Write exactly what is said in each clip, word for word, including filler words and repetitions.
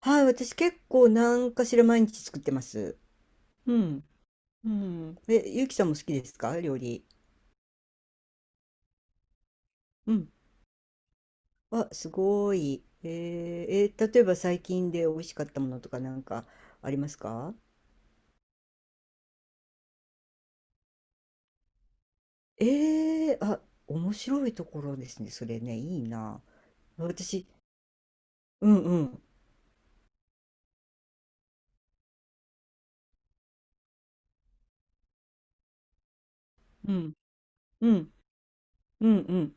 はい、私結構何かしら毎日作ってます。うん。うん。え、ゆうきさんも好きですか料理？うん。あ、すごい。えー、えー例えば最近で美味しかったものとかなんかありますか？えー、あ、面白いところですね。それね、いいな。私、うんうん。うん。うん。うんうん。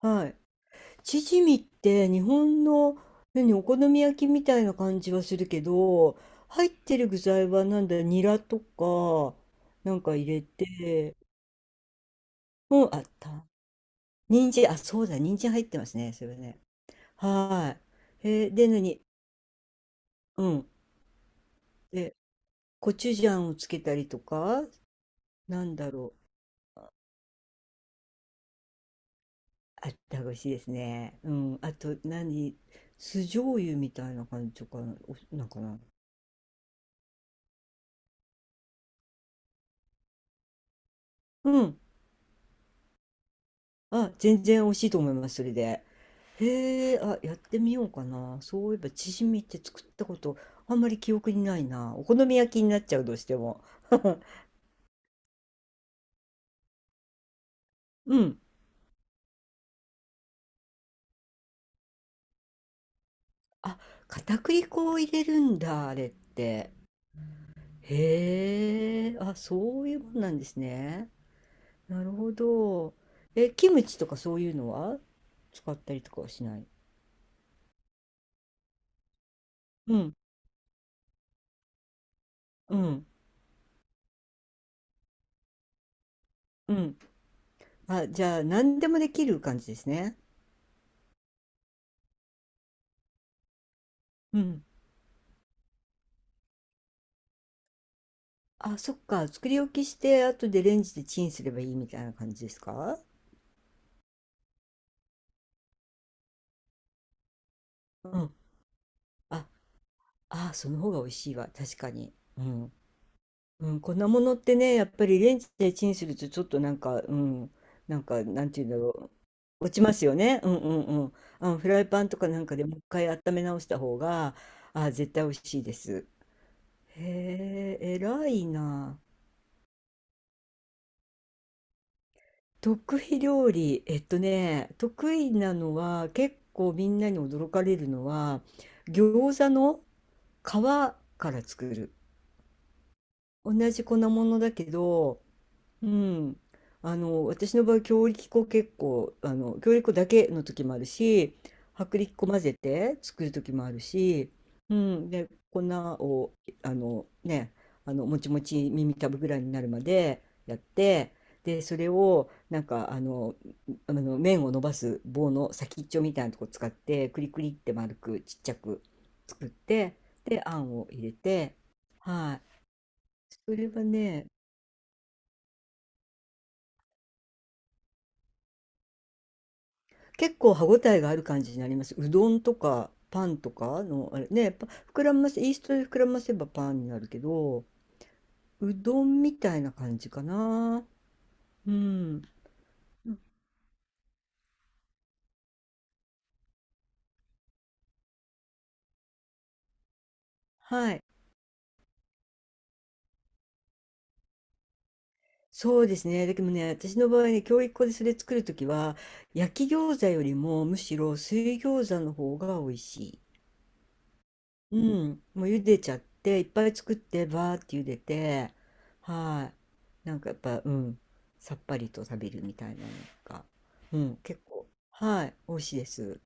はい。チヂミって日本の、何、お好み焼きみたいな感じはするけど、入ってる具材はなんだ、ニラとかなんか入れて、うん、あった、人参、あ、そうだ、人参入ってますね、それね。はい。えーで、何、うん、で、コチュジャンをつけたりとか、なんだろう、あった、美味しいですね。うん、あと何、酢醤油みたいな感じとか、お、なんかな。うん、あ、全然美味しいと思います、それで。へえ、あ、やってみようかな。そういえば、チヂミって作ったこと、あんまり記憶にないな。お好み焼きになっちゃう、どうしても。うん。あ、片栗粉を入れるんだ、あれって。へえ、あ、そういうもんなんですね。なるほど。え、キムチとかそういうのは使ったりとかはしない？うん、うん、うん。あ、じゃあ、何でもできる感じですね。うん。あ、そっか。作り置きして、後でレンジでチンすればいいみたいな感じですか？うん。あ、あ、その方が美味しいわ。確かに。うん。うん、粉物ってね、やっぱりレンジでチンするとちょっとなんか、うん、なんか、なんていうんだろう。落ちますよね。うんうんうん。あの、フライパンとかなんかでもう一回温め直した方が、あ、絶対美味しいです。へえ、偉いな。得意料理、えっとね、得意なのは結構みんなに驚かれるのは餃子の皮から作る。同じ粉物だけど、うん、あの、私の場合強力粉、結構、あの、強力粉だけの時もあるし、薄力粉混ぜて作る時もあるし、うん、で粉を、あのね、あの、もちもち耳たぶぐらいになるまでやって、でそれをなんか、あの、あの麺を伸ばす棒の先っちょみたいなとこ使って、クリクリって丸くちっちゃく作って、であんを入れて、はい、それはね、結構歯ごたえがある感じになります。うどんとかパンとかの、あれね、パ膨らませ、イーストで膨らませばパンになるけど、うどんみたいな感じかな。うん。はい。そうですね。だけどね、私の場合ね、教育粉でそれ作るときは、焼き餃子よりもむしろ水餃子の方が美味しい。うん、もう茹でちゃって、いっぱい作って、バーって茹でて、はい。なんかやっぱ、うん、さっぱりと食べるみたいなのが、うん、結構、はい、美味しいです。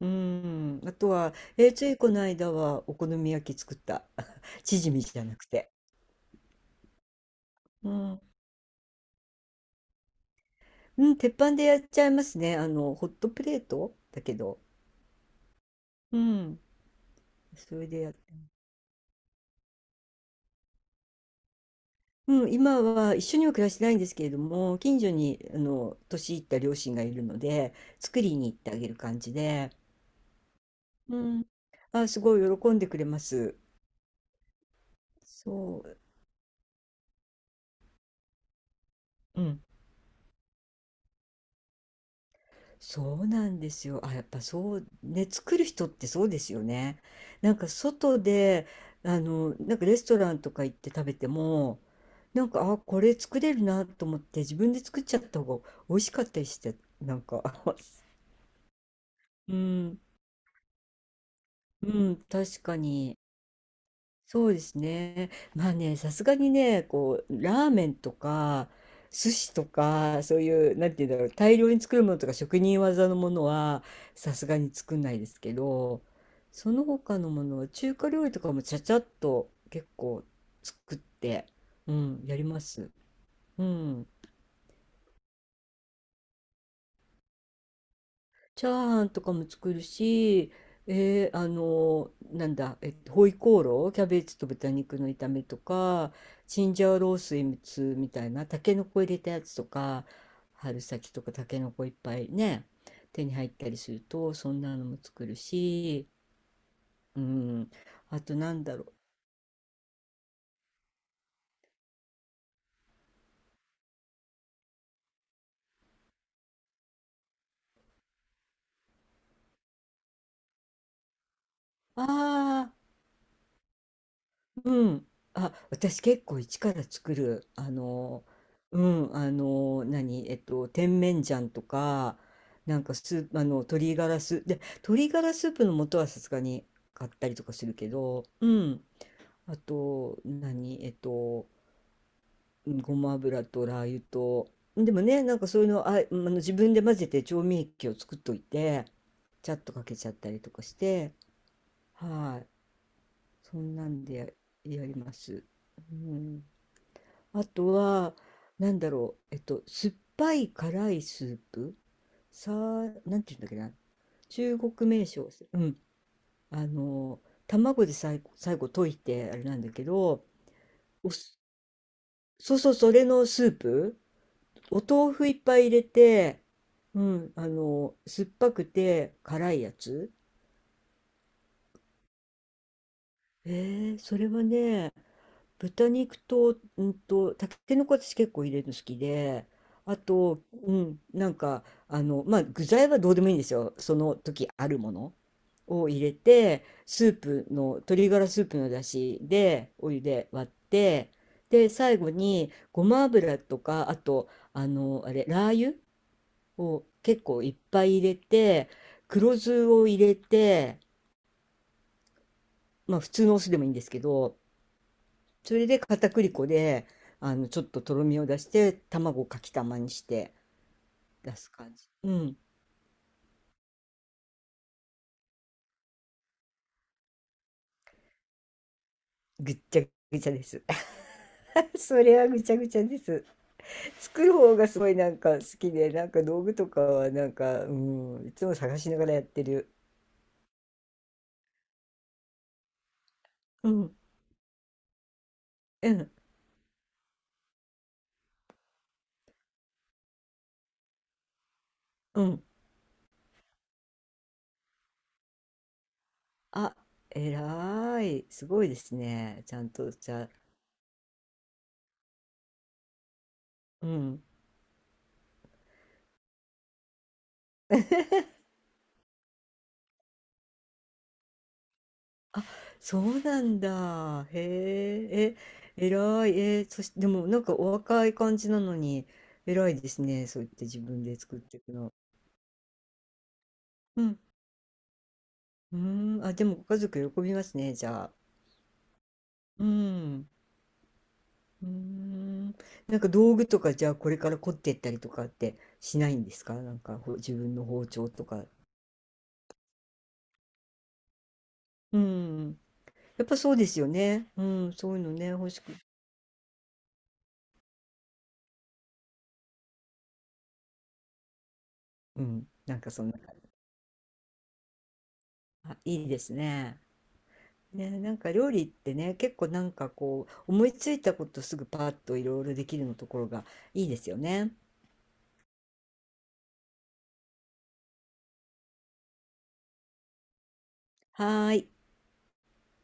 うん、あとは、えーついこの間はお好み焼き作った。チヂミじゃなくて。うん、うん、鉄板でやっちゃいますね。あの、ホットプレートだけど。うん、それでやっうん、今は一緒には暮らしてないんですけれども、近所にあの年いった両親がいるので、作りに行ってあげる感じで、うん、あ、すごい喜んでくれます。そう、うん、そうなんですよ。あ、やっぱそうね、作る人ってそうですよね。なんか外で、あの、なんかレストランとか行って食べても、なんか、あ、これ作れるなと思って自分で作っちゃった方が美味しかったりして、なんか、うん、うん、確かに。そうですね。まあね、さすがにね、こう、ラーメンとか、寿司とか、そういう、なんていうんだろう、大量に作るものとか、職人技のものは、さすがに作んないですけど、その他のものは、中華料理とかもちゃちゃっと結構作って、うん、やります。うん。チャーハンとかも作るし、えーあのなんだ、えっと、ホイコーロー、キャベツと豚肉の炒めとか、チンジャオロースーツみたいな、タケノコ入れたやつとか、春先とかタケノコいっぱいね、手に入ったりすると、そんなのも作るし、うん、あとなんだろう。ああ、うん。あ、私結構一から作る。あの、うん、あの、何、えっと、甜麺醤とか、なんかスープ、あの、鶏ガラスープ、で、鶏ガラスープの素はさすがに買ったりとかするけど、うん。あと、何、えっと、うん、ごま油とラー油と、でもね、なんかそういうの、あ、あの、自分で混ぜて調味液を作っといて、ちゃっとかけちゃったりとかして、はい。そんなんでや、やります。うん、あとは、なんだろう、えっと、酸っぱい辛いスープ、さあ、なんていうんだっけな、中国名称、うん、あの、卵で最後、最後溶いて、あれなんだけど、お酢、そうそう、それのスープ、お豆腐いっぱい入れて、うん、あの、酸っぱくて辛いやつ。えー、それはね、豚肉と、うんと、たけのこ私結構入れるの好きで、あと、うん、なんか、あの、まあ、具材はどうでもいいんですよ。その時あるものを入れて、スープの、鶏ガラスープの出汁で、お湯で割って、で、最後に、ごま油とか、あと、あの、あれ、ラー油を結構いっぱい入れて、黒酢を入れて、まあ、普通のお酢でもいいんですけど、それで片栗粉で、あの、ちょっととろみを出して、卵をかきたまにして出す感じ。うん。ぐっちゃぐちゃです。それはぐちゃぐちゃです。作る方がすごいなんか好きで、なんか道具とかはなんか、うん、いつも探しながらやってる。うん、うん、うん。あ、えらい。すごいですね。ちゃんと、じゃあ、うん。そうなんだ。へえ、え、偉い。えー、そし、でもなんかお若い感じなのに、偉いですね。そう言って自分で作っていくの。うん。うーん。あ、でもご家族喜びますね、じゃあ。うん。うーん。なんか道具とか、じゃあこれから凝っていったりとかってしないんですか？なんかほ自分の包丁とか？うん。やっぱそうですよね。うん。そういうのね、欲しく。うん。なんかそんな感じ。あ、いいですね。ね、なんか料理ってね、結構なんかこう、思いついたことすぐパーッといろいろできるのところがいいですよね。はーい。